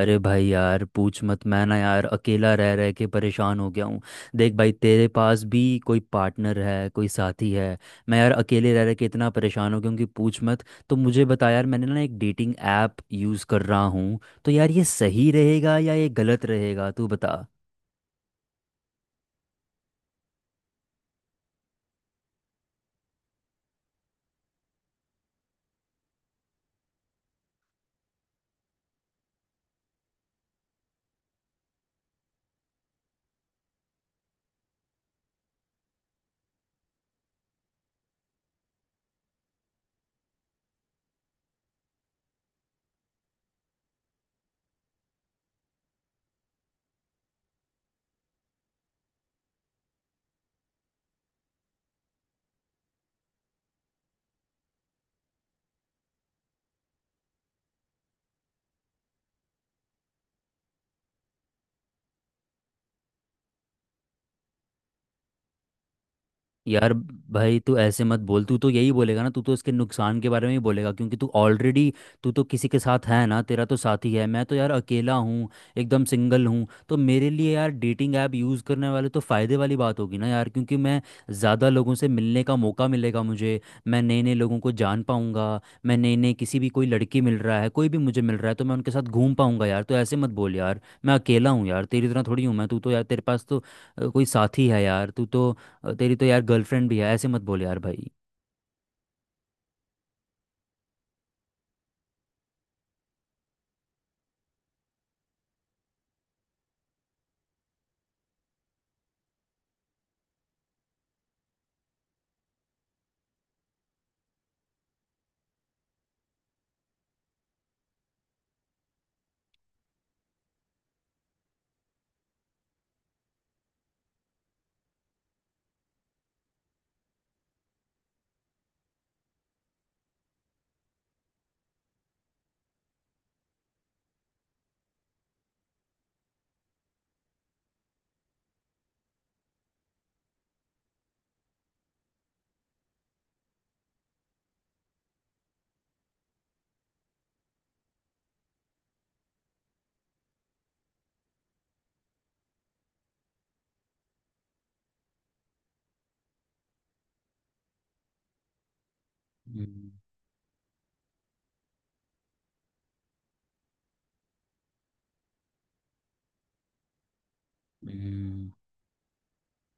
अरे भाई यार पूछ मत। मैं ना यार अकेला रह रह के परेशान हो गया हूँ। देख भाई, तेरे पास भी कोई पार्टनर है, कोई साथी है। मैं यार अकेले रह रह के इतना परेशान हो गया हूँ कि पूछ मत। तो मुझे बता यार, मैंने ना एक डेटिंग ऐप यूज़ कर रहा हूँ। तो यार ये सही रहेगा या ये गलत रहेगा, तू बता। यार भाई, तू ऐसे मत बोल। तू तो यही बोलेगा ना, तू तो इसके नुकसान के बारे में ही बोलेगा क्योंकि तू ऑलरेडी, तू तो किसी के साथ है ना, तेरा तो साथी है। मैं तो यार अकेला हूँ, एकदम सिंगल हूँ। तो मेरे लिए यार डेटिंग ऐप यूज़ करने वाले तो फ़ायदे वाली बात होगी ना यार, क्योंकि मैं ज़्यादा लोगों से मिलने का मौका मिलेगा मुझे। मैं नए नए लोगों को जान पाऊँगा। मैं नए नए किसी भी, कोई लड़की मिल रहा है, कोई भी मुझे मिल रहा है तो मैं उनके साथ घूम पाऊँगा यार। तो ऐसे मत बोल यार, मैं अकेला हूँ यार, तेरी तरह थोड़ी हूँ मैं। तू तो यार, तेरे पास तो कोई साथी है यार, तू तो। और तेरी तो यार गर्लफ्रेंड भी है। ऐसे मत बोल यार भाई। हम्म, हम्म, हम्म।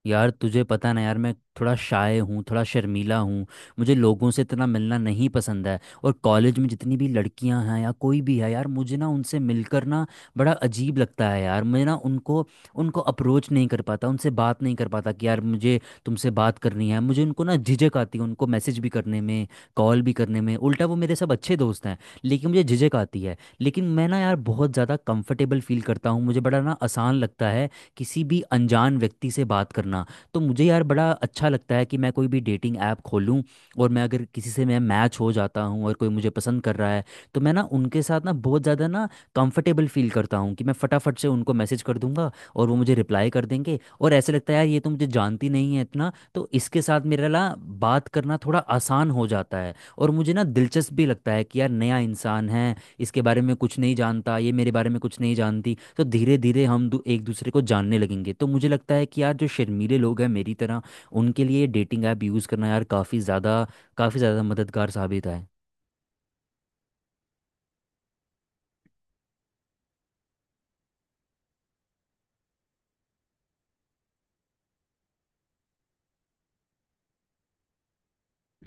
यार तुझे पता ना यार, मैं थोड़ा शाय हूँ, थोड़ा शर्मीला हूँ। मुझे लोगों से इतना मिलना नहीं पसंद है। और कॉलेज में जितनी भी लड़कियां हैं या कोई भी है यार, मुझे ना उनसे मिलकर ना बड़ा अजीब लगता है यार। मैं ना उनको उनको अप्रोच नहीं कर पाता, उनसे बात नहीं कर पाता कि यार मुझे तुमसे बात करनी है। मुझे उनको ना झिझक आती है, उनको मैसेज भी करने में, कॉल भी करने में। उल्टा वो मेरे सब अच्छे दोस्त हैं, लेकिन मुझे झिझक आती है। लेकिन मैं ना यार बहुत ज़्यादा कंफर्टेबल फील करता हूँ, मुझे बड़ा ना आसान लगता है किसी भी अनजान व्यक्ति से बात करना। तो मुझे यार बड़ा अच्छा लगता है कि मैं कोई भी डेटिंग ऐप खोलूँ, और मैं अगर किसी से मैं मैच हो जाता हूँ और कोई मुझे पसंद कर रहा है, तो मैं ना उनके साथ ना बहुत ज़्यादा ना कंफर्टेबल फील करता हूँ कि मैं फटाफट से उनको मैसेज कर दूंगा और वो मुझे रिप्लाई कर देंगे। और ऐसे लगता है यार ये तो मुझे जानती नहीं है इतना, तो इसके साथ मेरा ना बात करना थोड़ा आसान हो जाता है। और मुझे ना दिलचस्प भी लगता है कि यार नया इंसान है, इसके बारे में कुछ नहीं जानता, ये मेरे बारे में कुछ नहीं जानती, तो धीरे धीरे एक दूसरे को जानने लगेंगे। तो मुझे लगता है कि यार जो शर्मीले लोग हैं मेरी तरह, उनके लिए डेटिंग ऐप यूज़ करना यार काफ़ी ज़्यादा मददगार साबित है।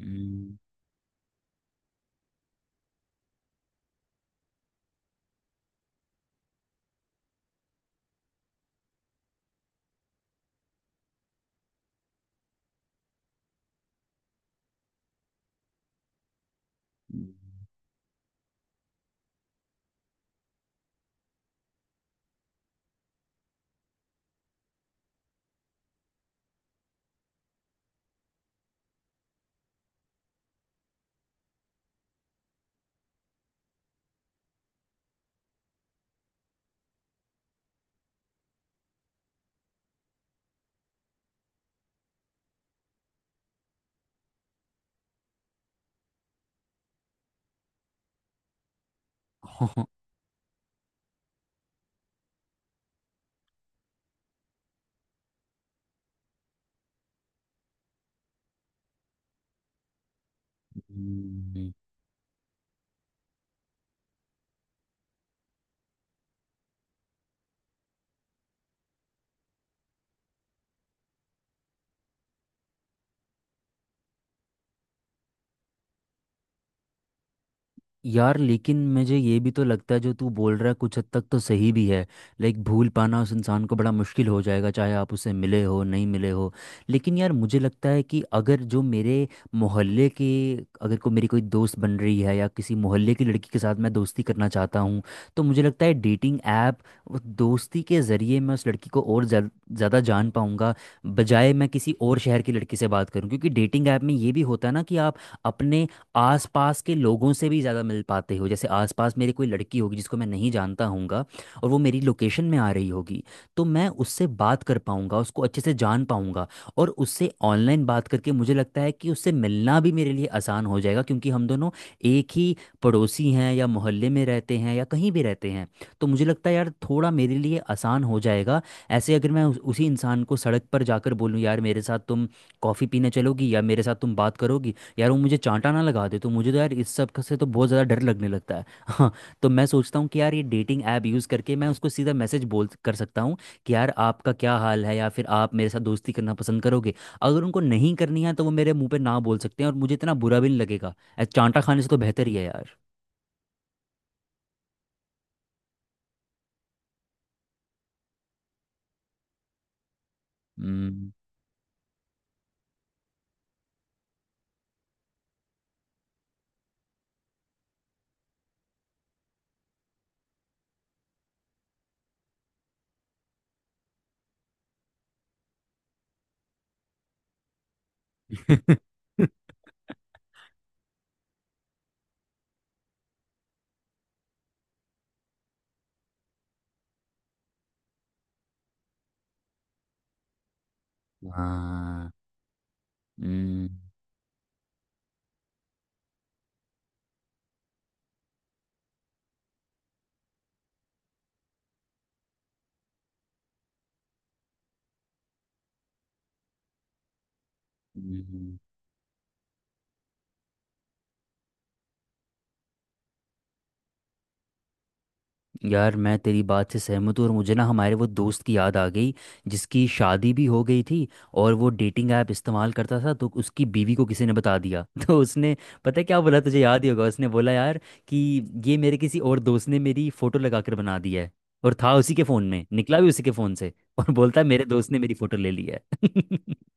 हम्म, हम्म, हम्म, यार लेकिन मुझे ये भी तो लगता है, जो तू बोल रहा है कुछ हद तक तो सही भी है। लाइक भूल पाना उस इंसान को बड़ा मुश्किल हो जाएगा, चाहे आप उससे मिले हो नहीं मिले हो। लेकिन यार मुझे लगता है कि अगर जो मेरे मोहल्ले के, अगर को मेरी कोई दोस्त बन रही है या किसी मोहल्ले की लड़की के साथ मैं दोस्ती करना चाहता हूँ, तो मुझे लगता है डेटिंग ऐप दोस्ती के ज़रिए मैं उस लड़की को और ज़्यादा जान पाऊँगा, बजाय मैं किसी और शहर की लड़की से बात करूँ। क्योंकि डेटिंग ऐप में ये भी होता है ना कि आप अपने आसपास के लोगों से भी ज़्यादा मिल पाते हो। जैसे आसपास मेरे कोई लड़की होगी जिसको मैं नहीं जानता हूँगा और वो मेरी लोकेशन में आ रही होगी, तो मैं उससे बात कर पाऊँगा, उसको अच्छे से जान पाऊँगा। और उससे ऑनलाइन बात करके मुझे लगता है कि उससे मिलना भी मेरे लिए आसान हो जाएगा, क्योंकि हम दोनों एक ही पड़ोसी हैं या मोहल्ले में रहते हैं या कहीं भी रहते हैं। तो मुझे लगता है यार थोड़ा मेरे लिए आसान हो जाएगा। ऐसे अगर मैं उसी इंसान को सड़क पर जाकर बोलूँ यार मेरे साथ तुम कॉफ़ी पीने चलोगी या मेरे साथ तुम बात करोगी, यार वो मुझे चांटा ना लगा दे, तो मुझे तो यार इस सब का से तो बहुत ज़्यादा डर लगने लगता है। हाँ। तो मैं सोचता हूँ कि यार ये डेटिंग ऐप यूज़ करके मैं उसको सीधा मैसेज बोल कर सकता हूँ कि यार आपका क्या हाल है, या फिर आप मेरे साथ दोस्ती करना पसंद करोगे। अगर उनको नहीं करनी है तो वो मेरे मुंह पे ना बोल सकते हैं और मुझे इतना बुरा भी नहीं लगेगा, चांटा खाने से तो बेहतर ही है यार। हम्म। हाँ। हम्म। हम्म। यार मैं तेरी बात से सहमत हूँ, और मुझे ना हमारे वो दोस्त की याद आ गई, जिसकी शादी भी हो गई थी और वो डेटिंग ऐप इस्तेमाल करता था। तो उसकी बीवी को किसी ने बता दिया। तो उसने पता है क्या बोला, तुझे याद ही होगा। उसने बोला यार कि ये मेरे किसी और दोस्त ने मेरी फोटो लगा कर बना दी है, और था उसी के फ़ोन में, निकला भी उसी के फ़ोन से, और बोलता है मेरे दोस्त ने मेरी फ़ोटो ले ली है।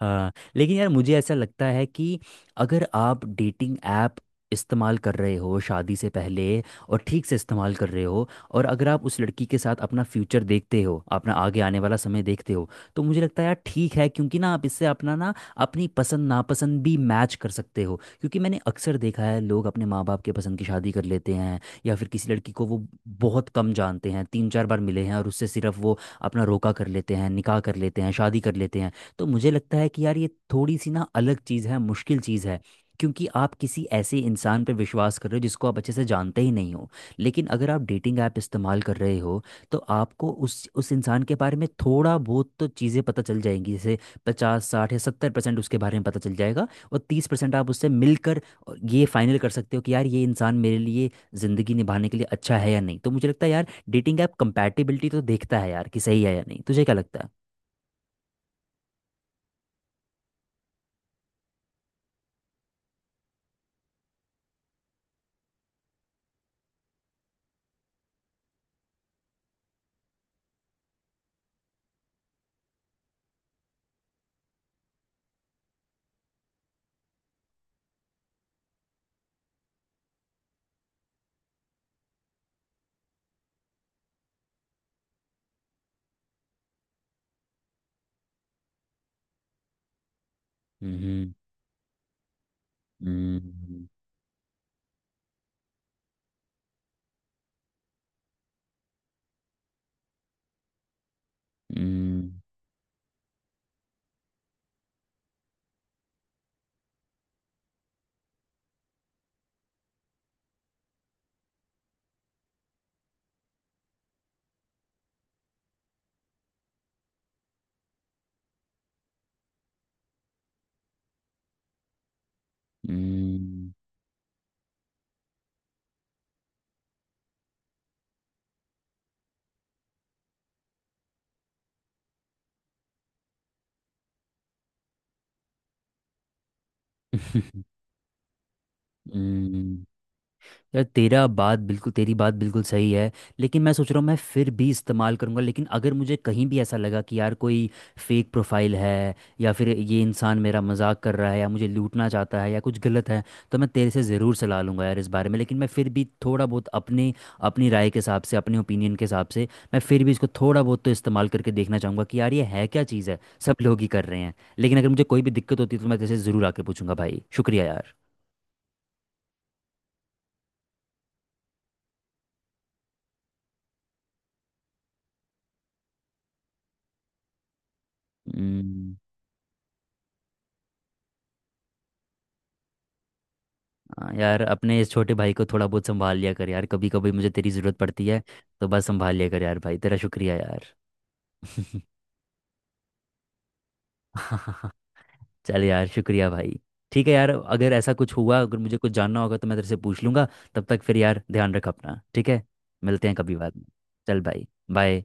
हाँ। लेकिन यार मुझे ऐसा लगता है कि अगर आप डेटिंग ऐप इस्तेमाल कर रहे हो शादी से पहले, और ठीक से इस्तेमाल कर रहे हो, और अगर आप उस लड़की के साथ अपना फ्यूचर देखते हो, अपना आगे आने वाला समय देखते हो, तो मुझे लगता है यार ठीक है। क्योंकि ना आप इससे अपना ना अपनी पसंद नापसंद भी मैच कर सकते हो। क्योंकि मैंने अक्सर देखा है लोग अपने माँ बाप के पसंद की शादी कर लेते हैं, या फिर किसी लड़की को वो बहुत कम जानते हैं, 3 4 बार मिले हैं और उससे सिर्फ वो अपना रोका कर लेते हैं, निकाह कर लेते हैं, शादी कर लेते हैं। तो मुझे लगता है कि यार ये थोड़ी सी ना अलग चीज़ है, मुश्किल चीज़ है। क्योंकि आप किसी ऐसे इंसान पे विश्वास कर रहे हो जिसको आप अच्छे से जानते ही नहीं हो। लेकिन अगर आप डेटिंग ऐप इस्तेमाल कर रहे हो, तो आपको उस इंसान के बारे में थोड़ा बहुत तो चीज़ें पता चल जाएंगी। जैसे 50 60 या 70% उसके बारे में पता चल जाएगा, और 30% आप उससे मिलकर, और ये फाइनल कर सकते हो कि यार ये इंसान मेरे लिए ज़िंदगी निभाने के लिए अच्छा है या नहीं। तो मुझे लगता है यार डेटिंग ऐप कंपैटिबिलिटी तो देखता है यार कि सही है या नहीं। तुझे क्या लगता है? हम्म। हम्म। हम्म। हम्म। हम्म, यार तेरा बात बिल्कुल तेरी बात बिल्कुल सही है। लेकिन मैं सोच रहा हूँ मैं फिर भी इस्तेमाल करूँगा। लेकिन अगर मुझे कहीं भी ऐसा लगा कि यार कोई फेक प्रोफाइल है, या फिर ये इंसान मेरा मजाक कर रहा है या मुझे लूटना चाहता है या कुछ गलत है, तो मैं तेरे से ज़रूर सलाह लूँगा यार इस बारे में। लेकिन मैं फिर भी थोड़ा बहुत अपने अपनी राय के हिसाब से, अपने ओपिनियन के हिसाब से, मैं फिर भी इसको थोड़ा बहुत तो इस्तेमाल करके देखना चाहूँगा कि यार ये है क्या चीज़। है सब लोग ही कर रहे हैं। लेकिन अगर मुझे कोई भी दिक्कत होती है तो मैं तेरे से ज़रूर आके पूछूंगा भाई, शुक्रिया यार। हम्म। हाँ यार, अपने इस छोटे भाई को थोड़ा बहुत संभाल लिया कर यार, कभी कभी मुझे तेरी ज़रूरत पड़ती है। तो बस संभाल लिया कर यार भाई, तेरा शुक्रिया यार। चल यार, शुक्रिया भाई। ठीक है यार, अगर ऐसा कुछ हुआ, अगर मुझे कुछ जानना होगा तो मैं तेरे से पूछ लूँगा। तब तक फिर यार ध्यान रख अपना, ठीक है। मिलते हैं कभी बाद में। चल भाई, बाय।